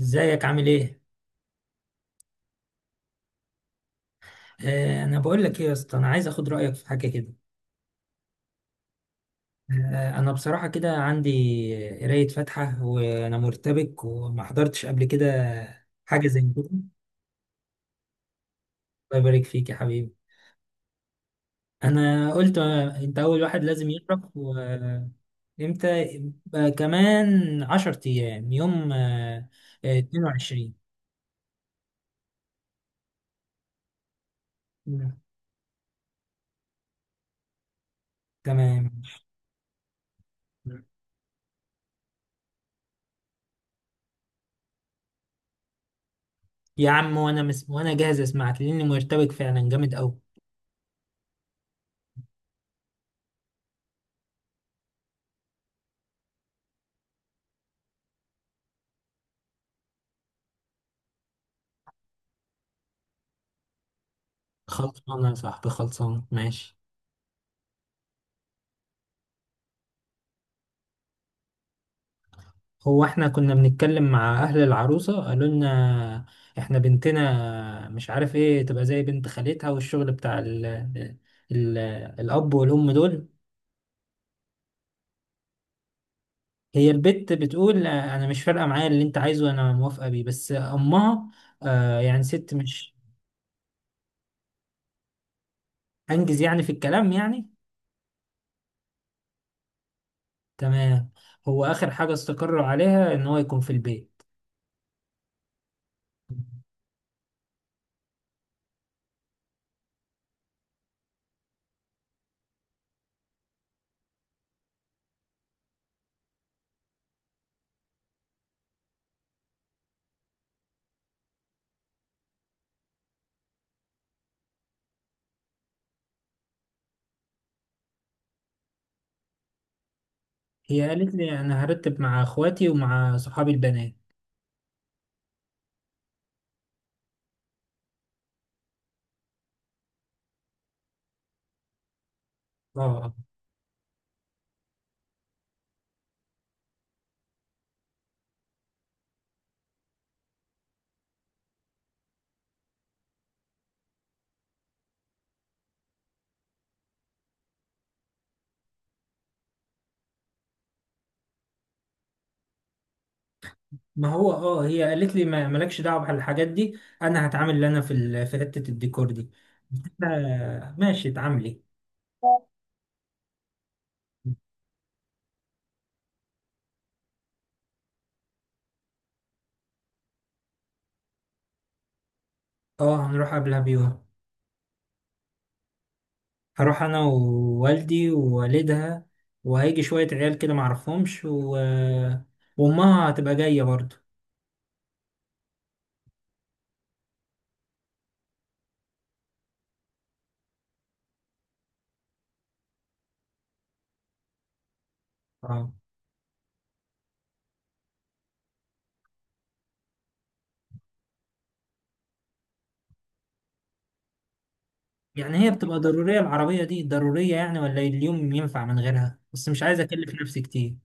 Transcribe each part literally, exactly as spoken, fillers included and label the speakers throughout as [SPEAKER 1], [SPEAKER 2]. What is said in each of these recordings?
[SPEAKER 1] ازيك عامل ايه؟ آه انا بقول لك ايه يا اسطى، انا عايز اخد رايك في حاجه كده. آه انا بصراحه كده عندي قرايه فاتحه، وانا مرتبك وما حضرتش قبل كده حاجه زي كده. الله يبارك فيك يا حبيبي. انا قلت، آه، انت اول واحد لازم يعرف. وامتى؟ يبقى كمان 10 ايام، يوم آه آه، اتنين وعشرين. مم. تمام. مم. يا عم، وانا مس... وانا جاهز اسمعك لاني مرتبك فعلا جامد قوي. خلصانه يا صاحبي، خلصانه، ماشي. هو احنا كنا بنتكلم مع اهل العروسة، قالوا لنا احنا بنتنا مش عارف ايه تبقى زي بنت خالتها، والشغل بتاع ال ال الاب والام دول. هي البت بتقول، آه، انا مش فارقة معايا اللي انت عايزه، انا موافقة بيه، بس امها، آه يعني ست مش، انجز يعني في الكلام يعني. تمام. هو اخر حاجة استقروا عليها ان هو يكون في البيت. هي قالت لي انا هرتب مع اخواتي ومع صحابي البنات. اه. ما هو اه، هي قالت لي ما مالكش دعوه بالحاجات دي، انا هتعامل اللي انا في ال- في حته الديكور دي. قلت لها ماشي، اتعاملي. اه، هنروح قبلها بيوم. هروح انا ووالدي ووالدها، وهيجي شوية عيال كده معرفهمش و... وامها هتبقى جاية برضو. اه. يعني هي بتبقى ضرورية العربية دي؟ ضرورية يعني؟ ولا اليوم ينفع من غيرها؟ بس مش عايز اكلف نفسي كتير.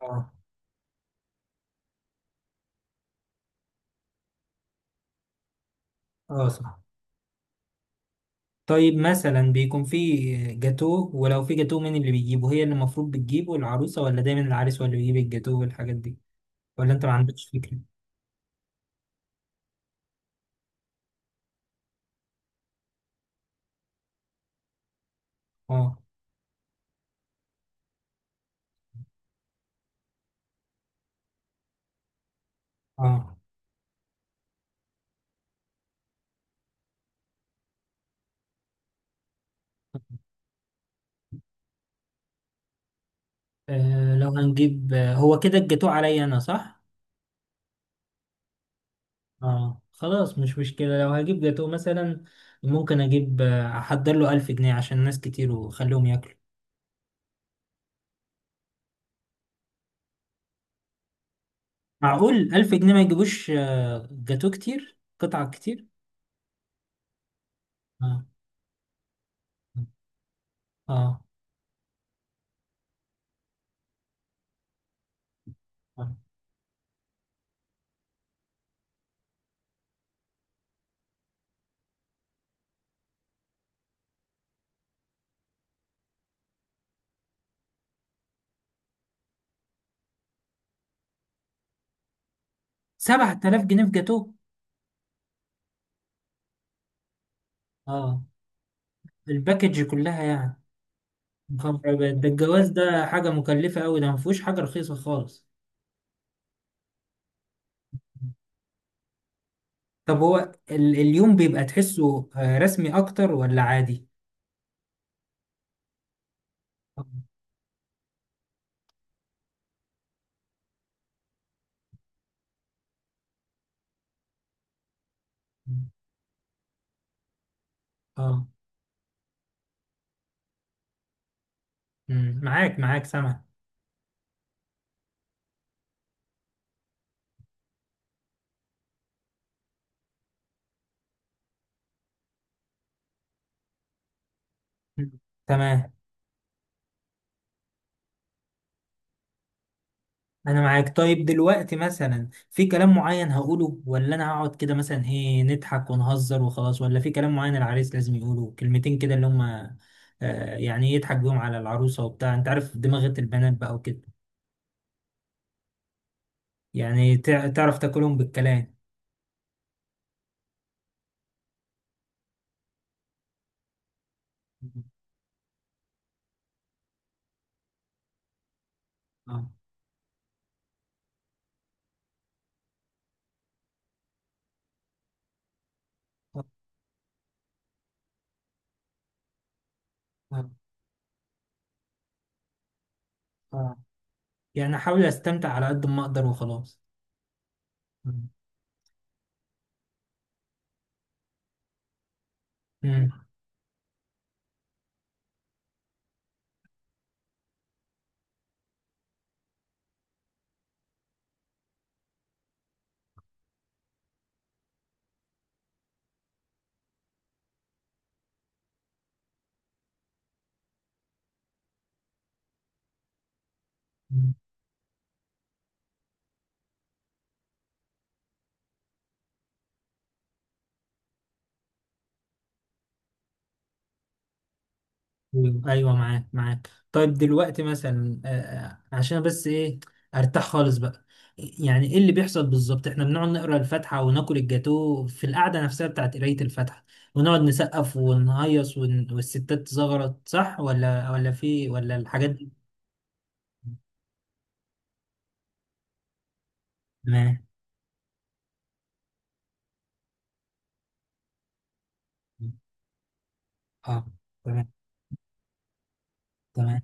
[SPEAKER 1] اه، اه، صح. طيب مثلا بيكون في جاتوه، ولو في جاتوه مين اللي بيجيبه؟ هي اللي المفروض بتجيبه العروسة؟ ولا دايما العريس هو اللي بيجيب الجاتوه والحاجات دي؟ ولا انت ما عندكش فكرة؟ اه. اه. آه، لو هنجيب، آه، هو كده الجاتوه عليا انا، صح؟ اه، خلاص مش مشكلة. لو هجيب جاتوه مثلا، ممكن اجيب، آه، احضر له ألف جنيه عشان ناس كتير وخليهم ياكلوا. معقول ألف جنيه ما يجيبوش آه، جاتوه كتير، قطع كتير؟ اه. اه. آه. سبعة تلاف جنيه في جاتوه؟ اه، الباكج كلها يعني. يا خبر أبيض، ده الجواز ده حاجة مكلفة أوي، ده مفهوش حاجة رخيصة خالص. طب هو ال- اليوم بيبقى تحسه، آه، رسمي أكتر ولا عادي؟ اه. آه. مم، معاك معاك سامع. مم. تمام. أنا معاك. طيب دلوقتي مثلا في كلام معين هقوله، ولا أنا هقعد كده مثلا إيه، نضحك ونهزر وخلاص، ولا في كلام معين العريس لازم يقوله، كلمتين كده اللي هما، آه، يعني يضحك بيهم على العروسة وبتاع، أنت عارف دماغة البنات بقى وكده، يعني تع- تعرف تاكلهم بالكلام؟ اه. اه. اه، يعني احاول استمتع على قد ما اقدر وخلاص. مم. امم. مم. ايوه، ايوه، معاك معاك. طيب دلوقتي مثلا، آه، عشان بس ايه، ارتاح خالص بقى، يعني ايه اللي بيحصل بالظبط؟ احنا بنقعد نقرا الفاتحه وناكل الجاتو في القعده نفسها بتاعت قرايه الفاتحه، ونقعد نسقف ونهيص ون... والستات تزغرط، صح ولا؟ ولا في، ولا الحاجات دي؟ تمام. اه. تمام، تمام.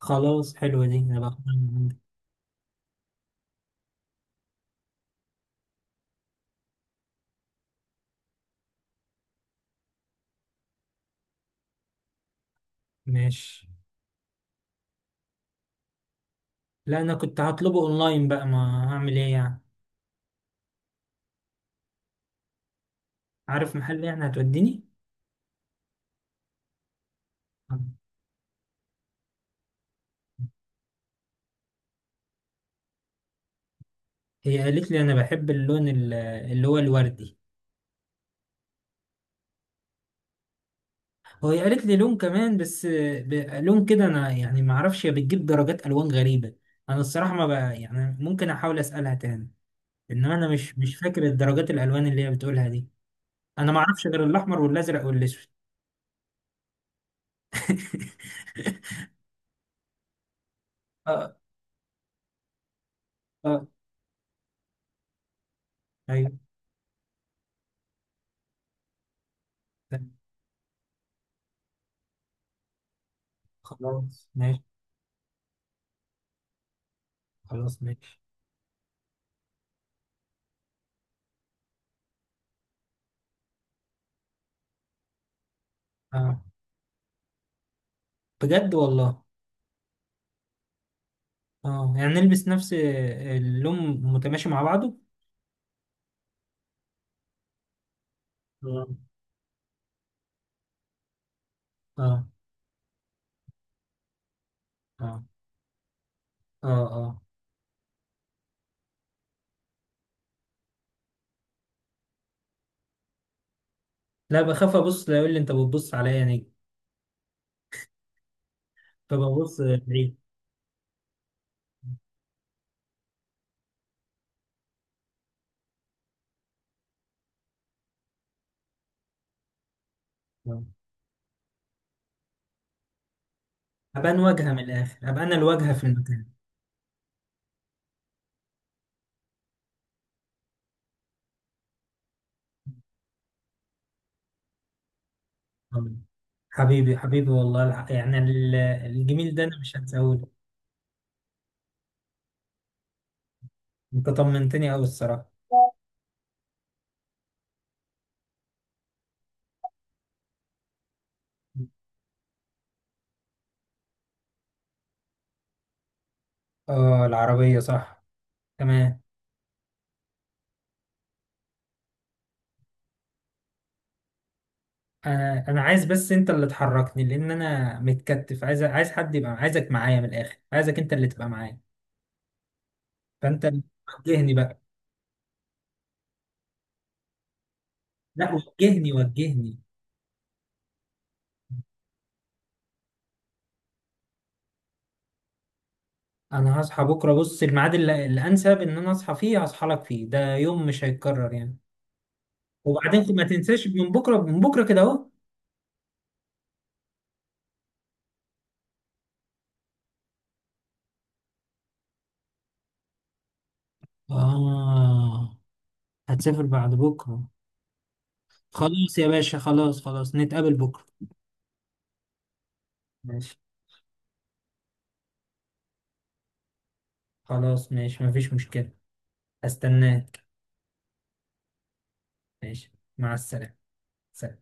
[SPEAKER 1] خلاص، حلوة دي، هبقى أخدها من عندك. ماشي. لا، أنا كنت هطلبه أونلاين بقى، ما هعمل إيه يعني. عارف محل يعني؟ هتوديني؟ هي قالت لي أنا بحب اللون ال- اللي هو الوردي. وهي قالت لي لون كمان، بس ب- لون كده أنا يعني ما أعرفش، هي بتجيب درجات ألوان غريبة. أنا الصراحة ما بقى يعني، ممكن أحاول أسألها تاني، إنما أنا مش مش فاكر الدرجات الألوان اللي هي بتقولها دي. أنا ما أعرفش غير الأحمر والأزرق والأسود. اه. اه. ايوه. طيب، خلاص ماشي. خلاص ماشي. اه، بجد والله. اه، يعني نلبس نفس اللون، متماشي مع بعضه. آه. اه. اه. اه. اه. لا، بخاف ابص، لا يقول لي انت بتبص عليا يا نجم، فببص بعيد. آه. ابان واجهه من الاخر، ابقى انا الواجهه في المكان. آه. حبيبي حبيبي والله، الح- يعني ال- الجميل ده انا مش هنساهوله. انت طمنتني قوي الصراحه. اه، العربيه، صح. تمام. آه، انا عايز، بس انت اللي تحركني لان انا متكتف، عايز، عايز حد يبقى، عايزك معايا من الاخر، عايزك انت اللي تبقى معايا، فانت اللي وجهني بقى. لا، وجهني، وجهني. انا هصحى بكره، بص الميعاد اللي الانسب ان انا اصحى فيه هصحى لك فيه، ده يوم مش هيتكرر يعني، وبعدين ما تنساش، من بكره، من بكره كده اهو. اه. هتسافر بعد بكره. خلاص يا باشا، خلاص، خلاص، نتقابل بكره. ماشي. خلاص ماشي، مفيش مشكله. هستناك. ماشي. مع السلامه. سلام.